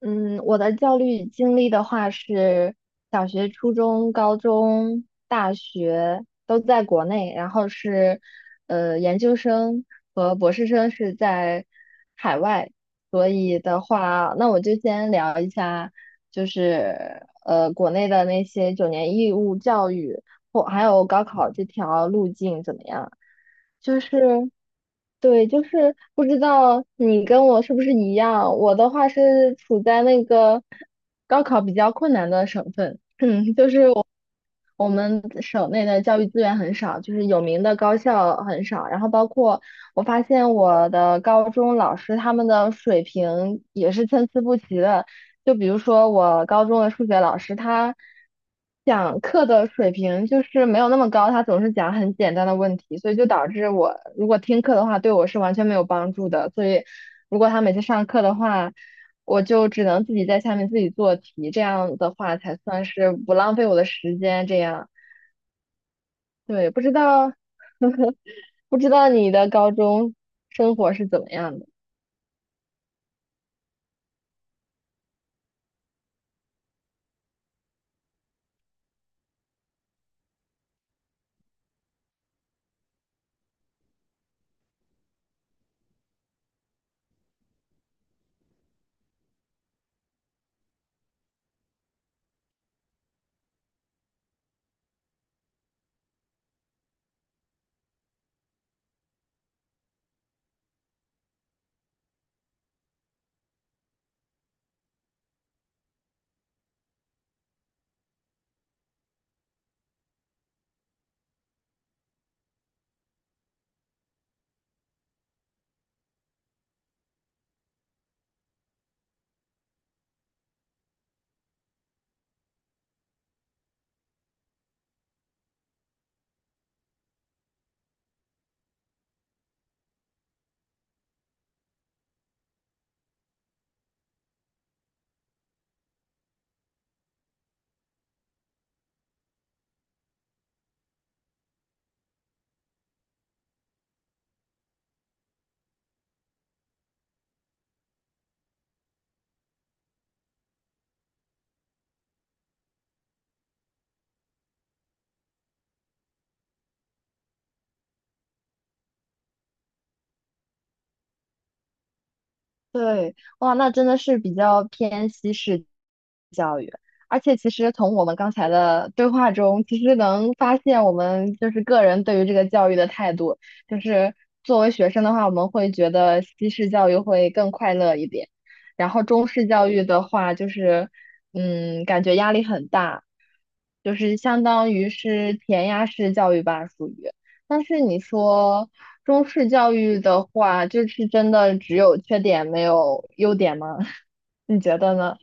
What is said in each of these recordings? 嗯，我的教育经历的话是小学、初中、高中、大学都在国内，然后是研究生和博士生是在海外，所以的话，那我就先聊一下，就是国内的那些9年义务教育或还有高考这条路径怎么样？就是对，就是不知道你跟我是不是一样。我的话是处在那个高考比较困难的省份，就是我们省内的教育资源很少，就是有名的高校很少。然后包括我发现我的高中老师他们的水平也是参差不齐的，就比如说我高中的数学老师，他讲课的水平就是没有那么高，他总是讲很简单的问题，所以就导致我如果听课的话，对我是完全没有帮助的。所以如果他每次上课的话，我就只能自己在下面自己做题，这样的话才算是不浪费我的时间。这样，对，不知道你的高中生活是怎么样的？对，哇，那真的是比较偏西式教育，而且其实从我们刚才的对话中，其实能发现我们就是个人对于这个教育的态度，就是作为学生的话，我们会觉得西式教育会更快乐一点，然后中式教育的话，就是感觉压力很大，就是相当于是填鸭式教育吧，属于。但是你说。中式教育的话，就是真的只有缺点没有优点吗？你觉得呢？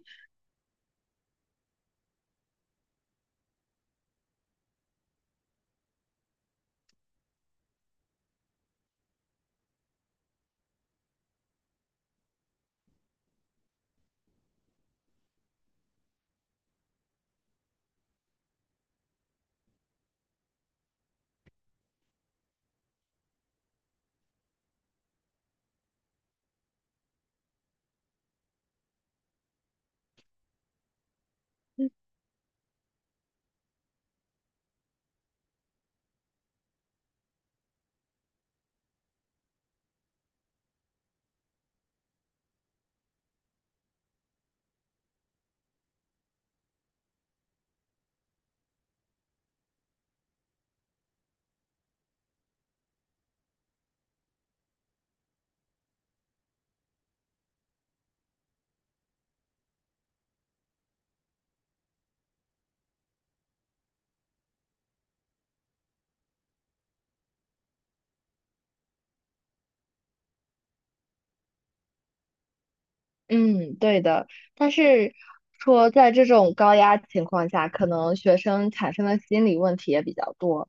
嗯，对的。但是说，在这种高压情况下，可能学生产生的心理问题也比较多。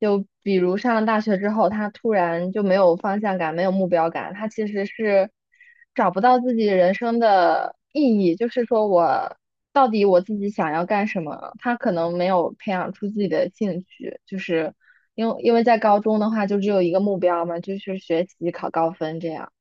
就比如上了大学之后，他突然就没有方向感，没有目标感，他其实是找不到自己人生的意义。就是说我到底我自己想要干什么？他可能没有培养出自己的兴趣，就是因为在高中的话，就只有一个目标嘛，就是学习考高分这样。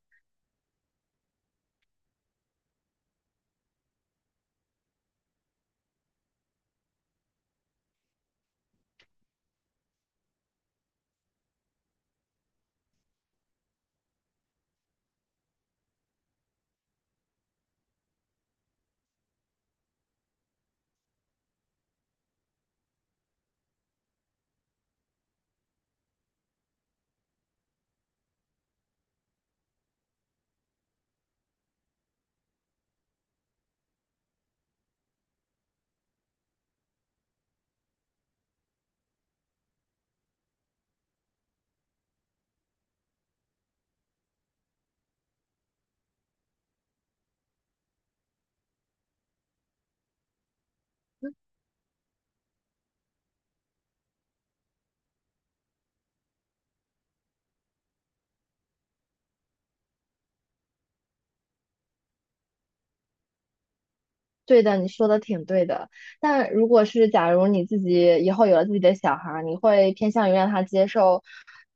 对的，你说的挺对的。但如果是假如你自己以后有了自己的小孩儿，你会偏向于让他接受，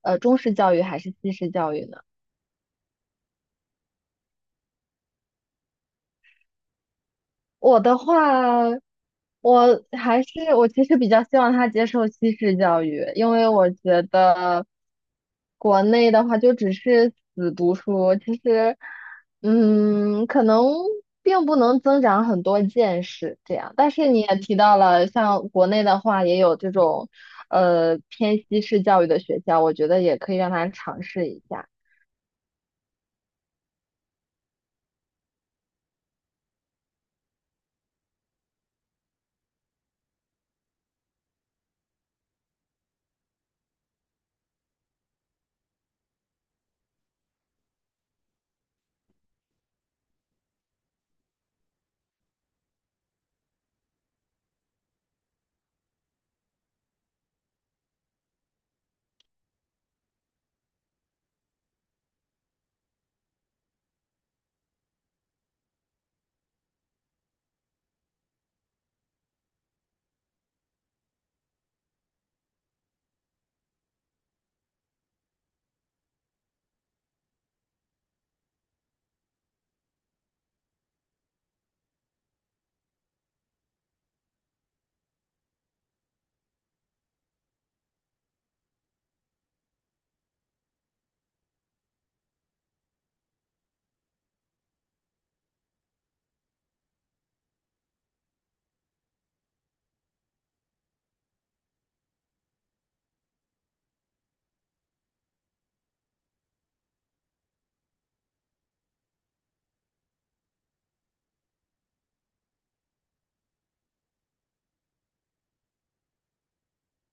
中式教育还是西式教育呢？我的话，我还是我其实比较希望他接受西式教育，因为我觉得国内的话就只是死读书，其实，可能并不能增长很多见识这样。但是你也提到了，像国内的话也有这种偏西式教育的学校，我觉得也可以让他尝试一下。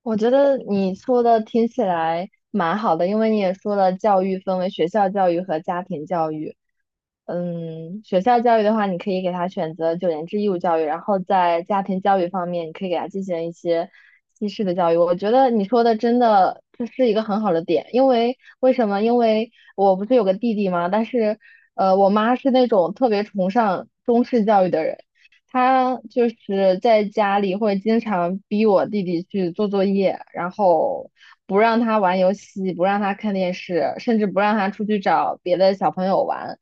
我觉得你说的听起来蛮好的，因为你也说了，教育分为学校教育和家庭教育。学校教育的话，你可以给他选择9年制义务教育，然后在家庭教育方面，你可以给他进行一些西式的教育。我觉得你说的真的这是一个很好的点，因为为什么？因为我不是有个弟弟嘛，但是我妈是那种特别崇尚中式教育的人。他就是在家里会经常逼我弟弟去做作业，然后不让他玩游戏，不让他看电视，甚至不让他出去找别的小朋友玩。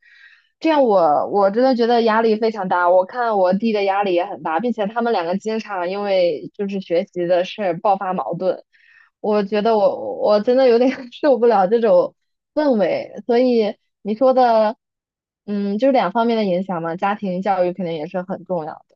这样我真的觉得压力非常大，我看我弟的压力也很大，并且他们两个经常因为就是学习的事儿爆发矛盾。我觉得我真的有点 受不了这种氛围，所以你说的，就是两方面的影响嘛，家庭教育肯定也是很重要。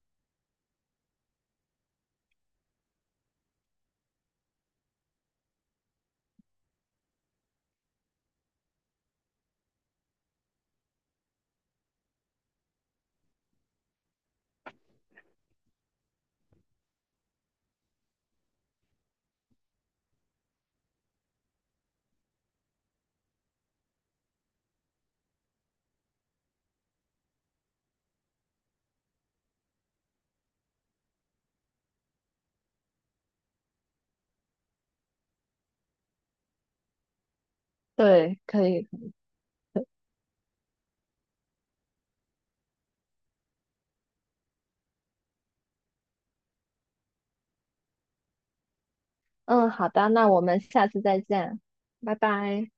对，可以，嗯，好的，那我们下次再见，拜拜。